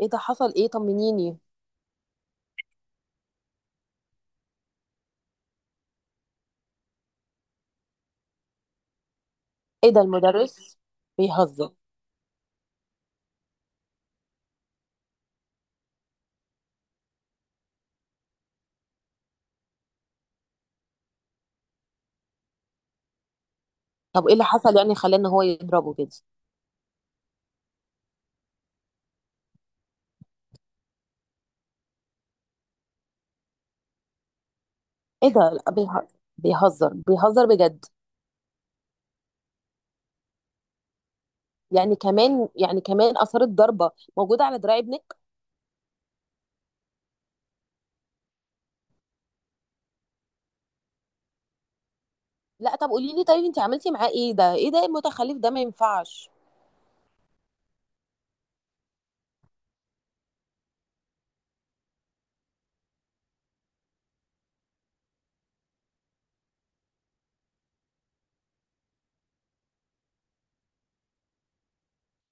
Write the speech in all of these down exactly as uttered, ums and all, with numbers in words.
ايه ده، حصل ايه؟ طمنيني. ايه ده المدرس بيهزر؟ طب ايه اللي حصل يعني خلاه ان هو يضربه كده؟ ايه ده بيه- بيهزر بيهزر بجد؟ يعني كمان، يعني كمان اثارت ضربه موجوده على دراع ابنك؟ لا طب قولي لي. طيب انت عملتي معاه ايه؟ ده ايه ده المتخلف ده ما ينفعش.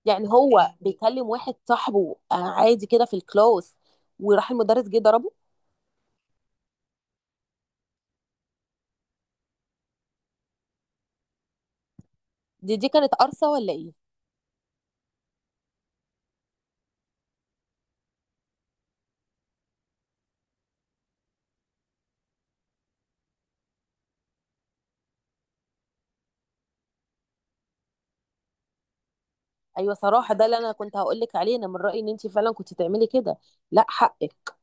يعني هو بيكلم واحد صاحبه، آه، عادي كده في الكلاس، وراح المدرس جه ضربه. دي دي كانت قرصه ولا ايه؟ ايوه صراحه، ده اللي انا كنت هقول لك عليه. انا من رايي ان انت فعلا كنت تعملي كده. لا حقك.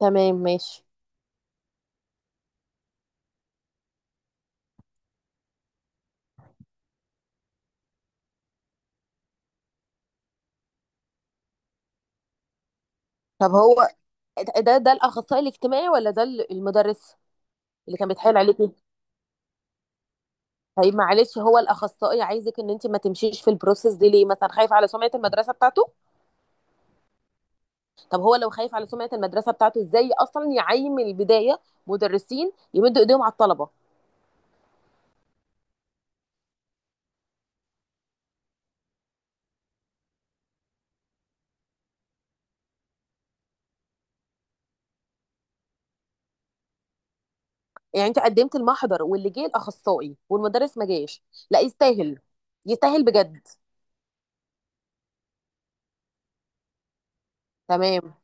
تمام ماشي. طب هو، ده ده الاخصائي الاجتماعي ولا ده المدرس اللي كان بيتحايل عليكي؟ طيب معلش، هو الاخصائي عايزك ان انت ما تمشيش في البروسيس دي ليه؟ مثلا خايف على سمعه المدرسه بتاعته؟ طب هو لو خايف على سمعه المدرسه بتاعته، ازاي اصلا يعين من البدايه مدرسين يمدوا ايديهم على الطلبه؟ يعني انت قدمت المحضر واللي جه الاخصائي والمدرس ما جاش. لا يستاهل. يستاهل بجد. تمام،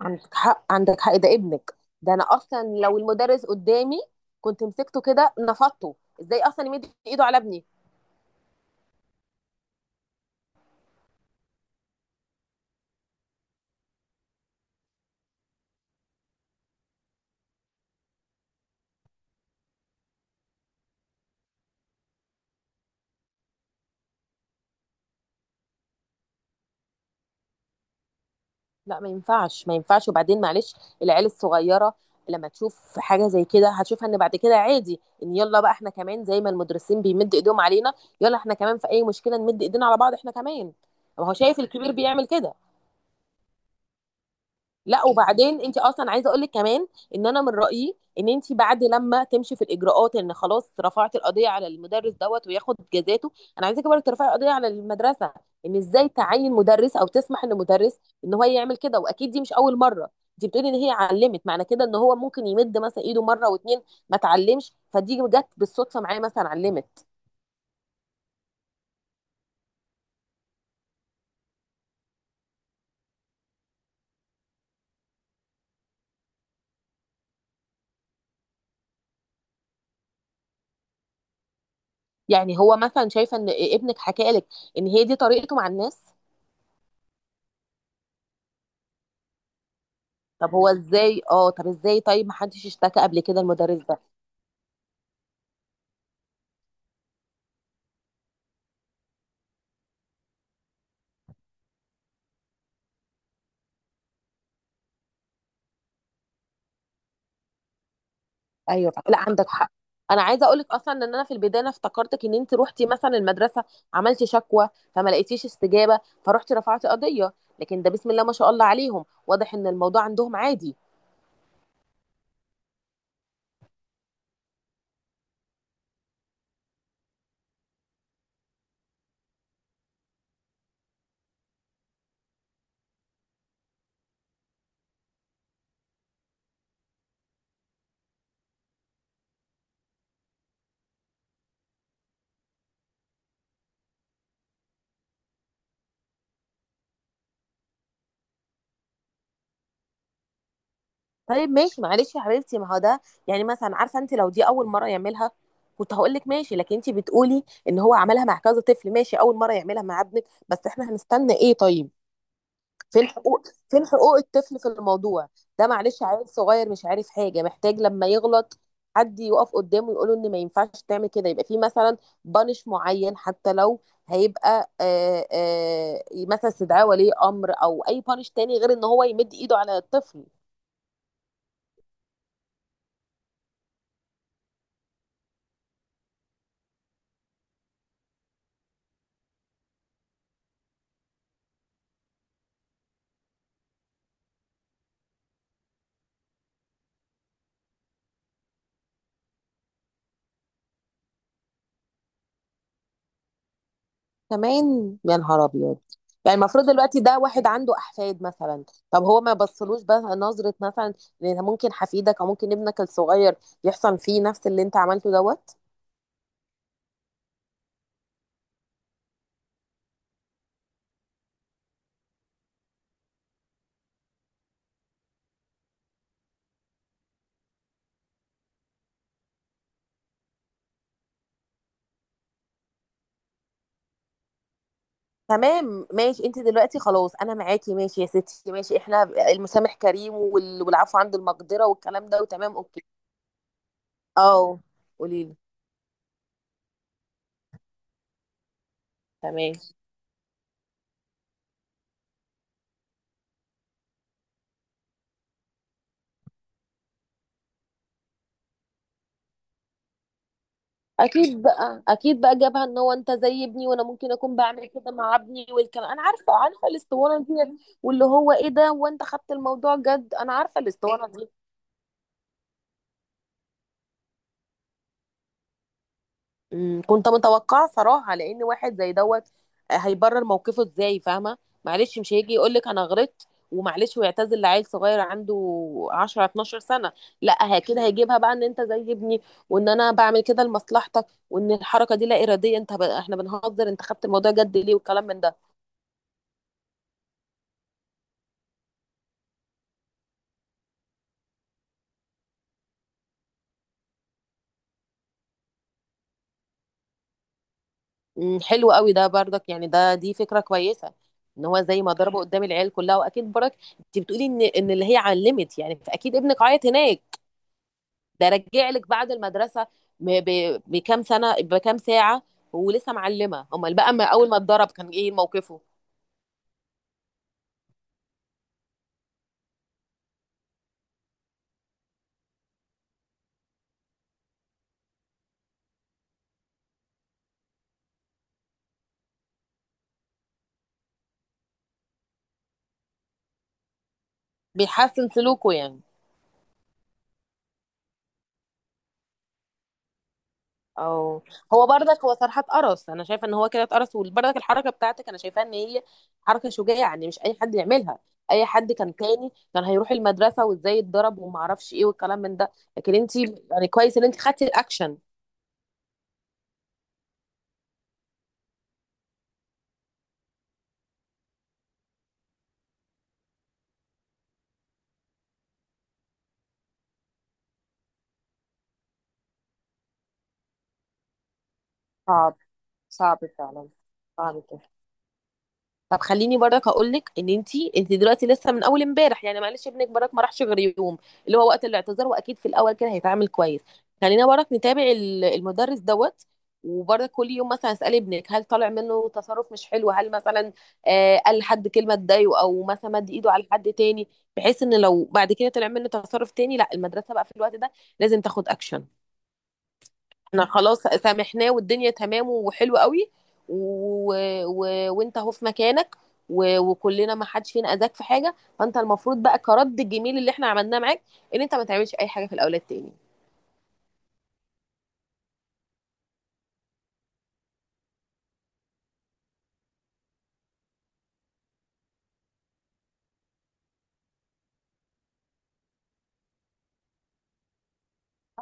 عندك حق، عندك حق، ده ابنك. ده انا اصلا لو المدرس قدامي كنت مسكته كده نفضته. ازاي اصلا يمد ايده على ابني؟ لا ما ينفعش، ما ينفعش. وبعدين معلش، العيال الصغيره لما تشوف حاجه زي كده هتشوفها ان بعد كده عادي، ان يلا بقى احنا كمان زي ما المدرسين بيمد ايدهم علينا، يلا احنا كمان في اي مشكله نمد ايدينا على بعض احنا كمان. ما هو شايف الكبير بيعمل كده. لا وبعدين انت اصلا عايزه اقول لك كمان، ان انا من رايي ان انت بعد لما تمشي في الاجراءات ان خلاص رفعت القضيه على المدرس دوت وياخد جزاته، انا عايزاكي برضه ترفعي القضيه على المدرسه، ان ازاي تعين مدرس او تسمح لمدرس ان هو يعمل كده؟ واكيد دي مش اول مره، انت بتقولي ان هي علمت، معنى كده ان هو ممكن يمد مثلا ايده مره واتنين. ما اتعلمش، فدي جت بالصدفه معايا مثلا علمت. يعني هو مثلا شايفه ان ابنك حكى لك ان هي دي طريقته مع الناس؟ طب هو ازاي، اه طب ازاي؟ طيب ما حدش اشتكى قبل كده المدرس ده؟ ايوه، لا عندك حق. انا عايزه اقولك اصلا ان انا في البدايه، أنا افتكرتك ان انت روحتي مثلا المدرسه عملتي شكوى، فما لقيتيش استجابه فروحتي رفعتي قضيه. لكن ده بسم الله ما شاء الله عليهم، واضح ان الموضوع عندهم عادي. طيب ماشي معلش يا حبيبتي، ما هو ده يعني، مثلا عارفه، انت لو دي اول مره يعملها كنت هقول لك ماشي، لكن انت بتقولي ان هو عملها مع كذا طفل. ماشي اول مره يعملها مع ابنك، بس احنا هنستنى ايه طيب؟ فين حقوق، فين حقوق الطفل في الموضوع؟ ده معلش عيل صغير مش عارف حاجه، محتاج لما يغلط حد يقف قدامه يقوله ان ما ينفعش تعمل كده، يبقى في مثلا بانش معين، حتى لو هيبقى، آه آه، مثلا استدعاء ولي امر، او اي بانش تاني غير ان هو يمد ايده على الطفل. كمان يا نهار ابيض. يعني المفروض دلوقتي ده واحد عنده احفاد مثلا. طب هو ما بصلوش بقى نظره مثلا؟ لان ممكن حفيدك او ممكن ابنك الصغير يحصل فيه نفس اللي انت عملته دوت. تمام ماشي. انت دلوقتي خلاص، انا معاكي، ماشي يا ستي، ماشي. احنا المسامح كريم، وال- والعفو عند المقدرة والكلام ده، وتمام اوكي. اه قولي لي. تمام، اكيد بقى، اكيد بقى جابها ان هو انت زي ابني، وانا ممكن اكون بعمل كده مع ابني والكلام. انا عارفه، عارفه الاسطوانه دي. واللي هو ايه ده، وانت خدت الموضوع جد. انا عارفه الاسطوانه دي. مم، كنت متوقعه صراحه لان واحد زي دوت، آه، هيبرر موقفه ازاي، فاهمه؟ معلش مش هيجي يقول لك انا غلطت ومعلش ويعتذر لعيل صغير عنده عشر اتناشر سنه. لا، ه- كده هيجيبها بقى ان انت زي ابني، وان انا بعمل كده لمصلحتك، وان الحركه دي لا اراديه، انت ب... احنا بنهزر، انت خدت الموضوع جد ليه، والكلام من ده. مم، حلو قوي ده برضك، يعني ده دي فكره كويسه، ان هو زي ما ضربه قدام العيال كلها، واكيد برك انت بتقولي ان ان اللي هي علمت، يعني فاكيد ابنك عيط هناك. ده رجع لك بعد المدرسه م- ب- بكام سنه، بكام ساعه؟ ولسه معلمه، امال بقى ما اول ما اتضرب كان ايه موقفه؟ بيحسن سلوكه يعني؟ او هو بردك، هو صراحه اتقرص، انا شايفه ان هو كده اتقرص، وبردك الحركه بتاعتك انا شايفاها ان هي حركه شجاعه، يعني مش اي حد يعملها. اي حد كان تاني كان هيروح المدرسه، وازاي اتضرب، وما اعرفش ايه، والكلام من ده. لكن انت، يعني كويس ان انت خدتي الاكشن. صعب. صعب فعلا. صعب. طب خليني برضك هقول لك ان انت، انت دلوقتي لسه من اول امبارح، يعني معلش ابنك برضك ما راحش غير يوم، اللي هو وقت الاعتذار، واكيد في الاول كده هيتعامل كويس. خلينا برضك نتابع ال- المدرس دوت، وبرضك كل يوم مثلا اسال ابنك هل طالع منه تصرف مش حلو، هل مثلا آه قال لحد كلمه تضايقه، او مثلا مد ايده على حد تاني، بحيث ان لو بعد كده طلع منه تصرف تاني، لا المدرسه بقى في الوقت ده لازم تاخد اكشن. احنا خلاص سامحناه، والدنيا تمام وحلو قوي، و... و... وانت اهو في مكانك، و... وكلنا ما حدش فينا اذاك في حاجه، فانت المفروض بقى كرد الجميل اللي احنا عملناه معاك، ان انت ما تعملش اي حاجه في الاولاد تاني.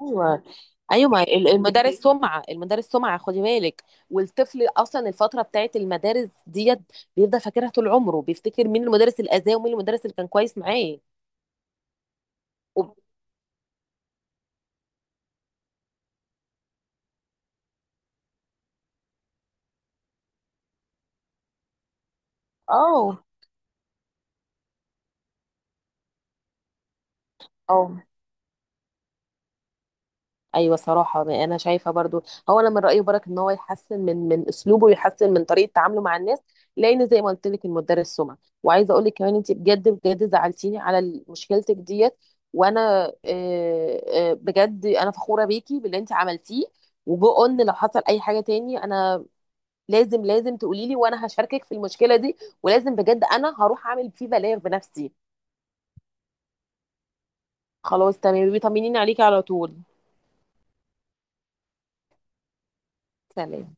ايوه، ايوه. ما ال- المدارس سمعه، المدارس سمعه، خدي بالك. والطفل اصلا الفتره بتاعت المدارس ديت بيفضل فاكرها طول عمره، بيفتكر مين المدرس الاذاه، ومين المدرس اللي كان كويس معاه. وب- اه اه. ايوه صراحه، ما انا شايفه برضو. هو انا من رايي برك ان هو يحسن من من اسلوبه، ويحسن من طريقه تعامله مع الناس، لان زي ما قلت لك المدرس سمع. وعايزه اقول لك كمان، انت بجد بجد زعلتيني على ال- مشكلتك ديت. وانا آه، آه، بجد انا فخوره بيكي باللي انت عملتيه. وجو قلنا لو حصل اي حاجه تاني، انا لازم، لازم تقولي لي، وانا هشاركك في المشكله دي. ولازم بجد انا هروح اعمل فيه بلاغ بنفسي. خلاص تمام بيطمنيني عليكي على طول. سلام.